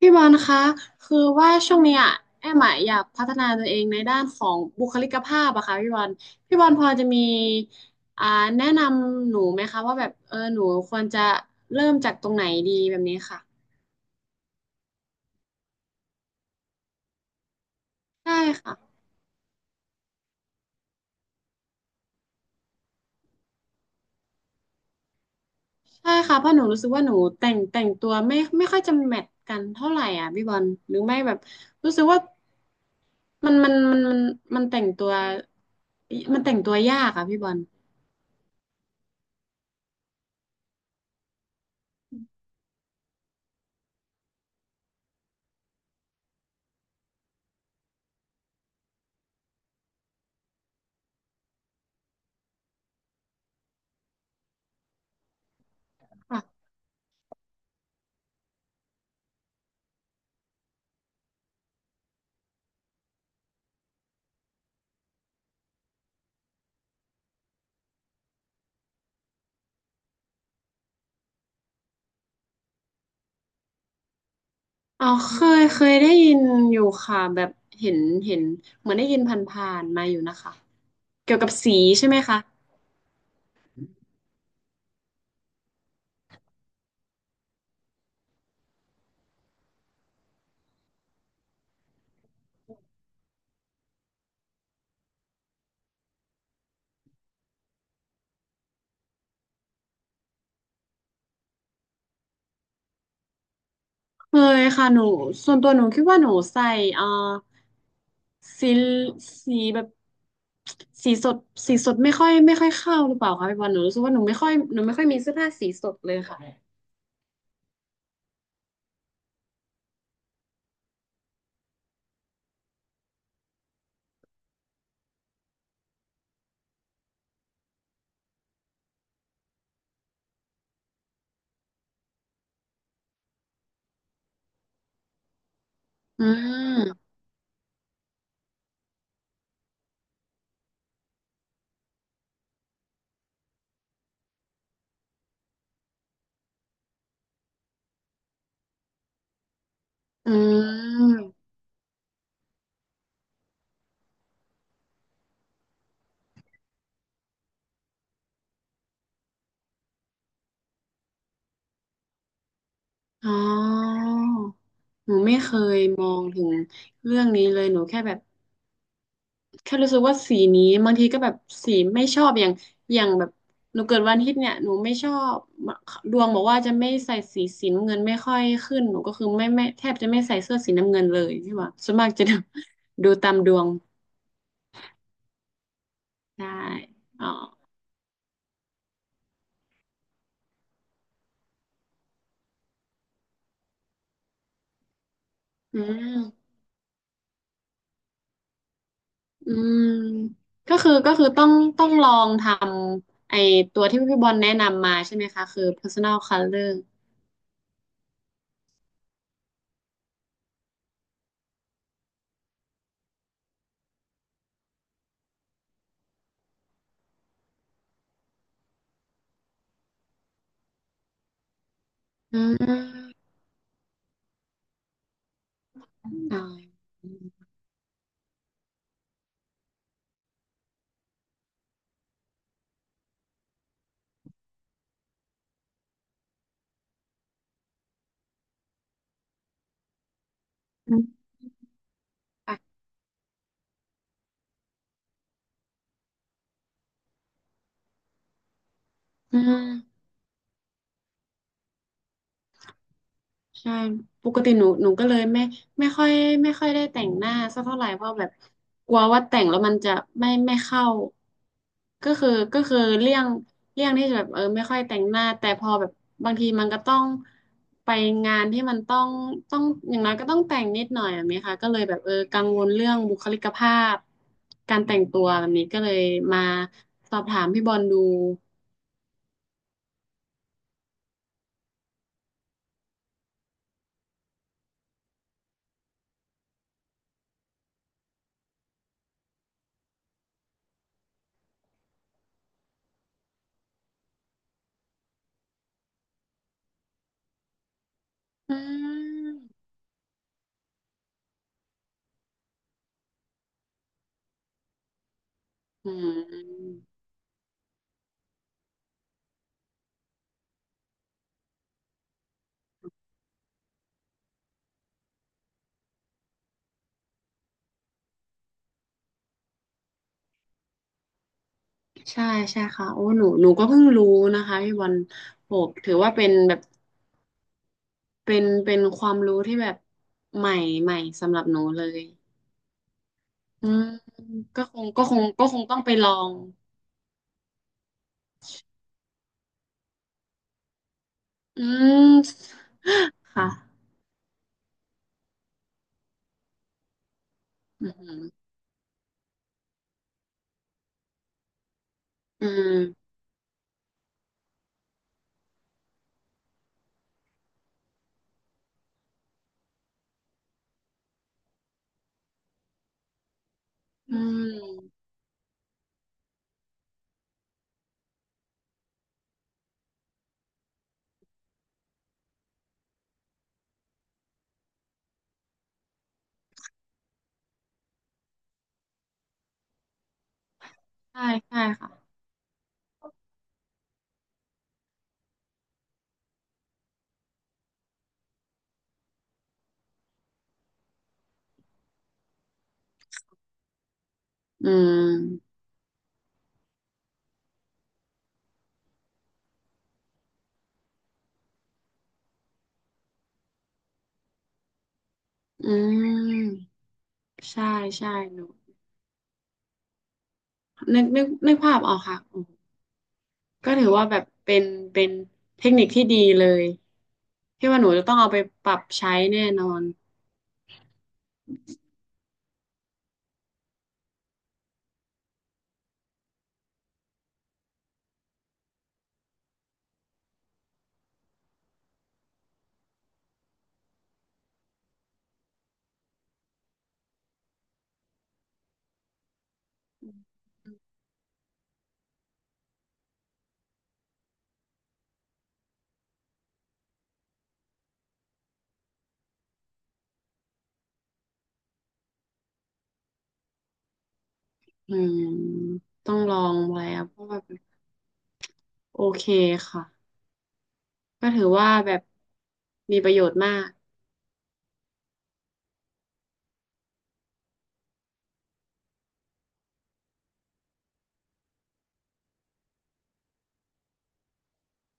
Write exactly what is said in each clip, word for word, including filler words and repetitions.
พี่บอลคะคือว่าช่วงเนี้ยแอมอะอยากพัฒนาตัวเองในด้านของบุคลิกภาพอะค่ะพี่บอลพี่บอลพอจะมีอ่าแนะนำหนูไหมคะว่าแบบเออหนูควรจะเริ่มจากตรงไหนดีแบบนี้ค่ะใช่ค่ะใช่ค่ะเพราะหนูรู้สึกว่าหนูแต่งแต่งตัวไม่ไม่ค่อยจะแมทกันเท่าไหร่อ่ะพี่บอลหรือไม่แบบรู้สึกว่ามันมันมันมันมันแต่งตัวมันแต่งตัวยากอะพี่บอลค่ะ อ๋อเคยเคยได้ยินอยู่ค่ะแบบเห็นเห็นเหมือนได้ยินผ่านๆมาอยู่นะคะเกี่ยวกับสีใช่ไหมคะเคยค่ะหนูส่วนตัวหนูคิดว่าหนูใส่เอ่อสีสีแบบสีสดสีสดไม่ค่อยไม่ค่อยเข้าหรือเปล่าคะพี่บอลหนูรู้สึกว่าหนูไม่ค่อยหนูไม่ค่อยมีเสื้อผ้าสีสดเลยค่ะอืมอืมอ๋อหนูไม่เคยมองถึงเรื่องนี้เลยหนูแค่แบบ แค่รู้สึกว่าสีนี้บางทีก็แบบสีไม่ชอบอย่างอย่างแบบหนูเกิดวันอาทิตย์เนี่ยหนูไม่ชอบดวงบอกว่าจะไม่ใส่สีสีน้ำเงินไม่ค่อยขึ้นหนูก็คือไม่ไม่แทบจะไม่ใส่เสื้อสีน้ำเงินเลยใช่ปะส่วนมากจะดู ดูตามดวงได้อ๋ออืมอืมก็คือก็คือต้องต้องลองทำไอตัวที่พี่บอลแนะนำมาใช่ไหมคะคือ personal color อืมอ๋ออืม่อืม ใช่ปกติหนูหนูก็เลยไม่ไม่ค่อยไม่ค่อยได้แต่งหน้าสักเท่าไหร่เพราะแบบกลัวว่าแต่งแล้วมันจะไม่ไม่เข้าก็คือก็คือเลี่ยงเลี่ยงที่จะแบบเออไม่ค่อยแต่งหน้าแต่พอแบบบางทีมันก็ต้องไปงานที่มันต้องต้องอย่างน้อยก็ต้องแต่งนิดหน่อยแบบนี้ค่ะก็เลยแบบเออกังวลเรื่องบุคลิกภาพการแต่งตัวแบบนี้ก็เลยมาสอบถามพี่บอลดูอืมอืม ใช่ใช่ค่ะโอ้หนูหนูก็เพิ่งรู้นะคะพี่บอลโหถือว่าเป็นแบบเป็นเป็นความรู้ที่แบบใหม่ใหม่สำหรับหนูเลยอืมก็คงก็คงก็คงต้องไปลองอืมค่ะอืมอืมอืมใช่ใช่ค่ะอืมอืมใช่ใช่หนูนึกนึกนึกภาพออกค่ะอืมก็ถือว่าแบบเป็นเป็นเทคนิคที่ดีเลยที่ว่าหนูจะต้องเอาไปปรับใช้แน่นอน อืมต้องลองไว้อะเพราะว่าแบบโอเคค่ะก็ถือว่าแบบมีประโยชน์มาก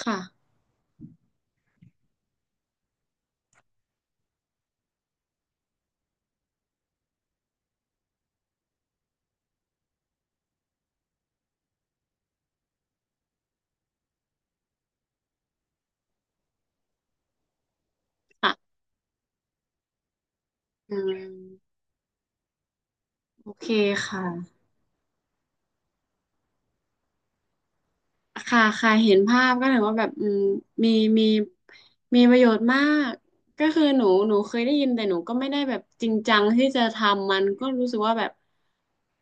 ค่ะค่ะอืมโอเคค่ะ ค่ะค่ะเห็นภาพก็ถือว่าแบบอืมมีมีมีประโยชน์มากก็คือหนูหนูเคยได้ยินแต่หนูก็ไม่ได้แบบจริงจังที่จะทำมันก็รู้สึกว่าแบบ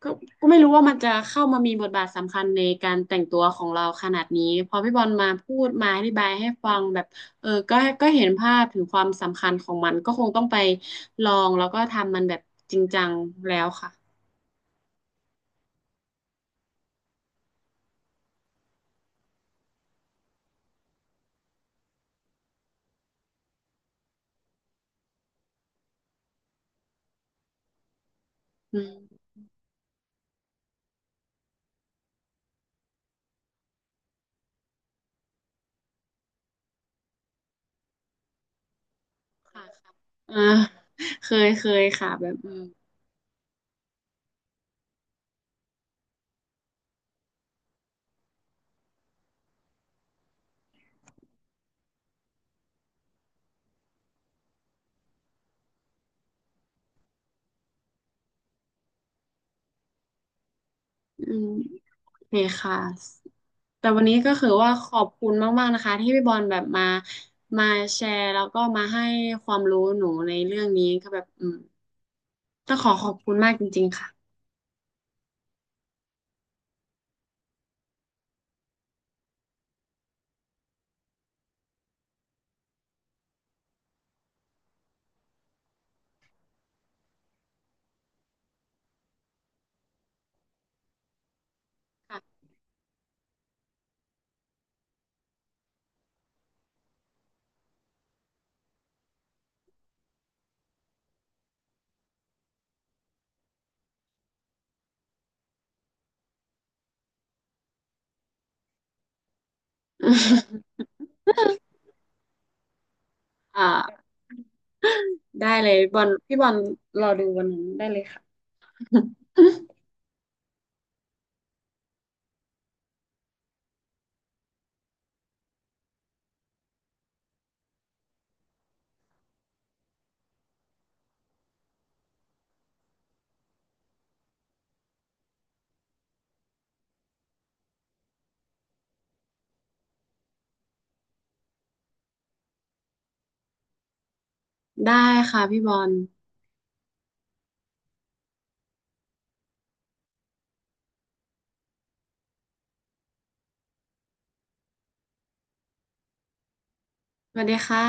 ก็ก็ไม่รู้ว่ามันจะเข้ามามีบทบาทสำคัญในการแต่งตัวของเราขนาดนี้พอพี่บอลมาพูดมาอธิบายให้ฟังแบบเออก็ก็เห็นภาพถึงความสำคัญของมันก็คงต้องไปลองแล้วก็ทำมันแบบจริงจังแล้วค่ะอืมค่ะค่ะอ่าเคยเคยค่ะแบบอืมอืม โอเคค่ะแต่วันนี้ก็คือว่าขอบคุณมากๆนะคะที่พี่บอลแบบมามาแชร์แล้วก็มาให้ความรู้หนูในเรื่องนี้ก็แบบอืมต้องขอขอบคุณมากจริงๆค่ะค่ะ อ่าได้เลยบอลพี่บอลรอดูวันนั้นได้เลยค่ะ ได้ค่ะพี่บอลสวัสดีค่ะ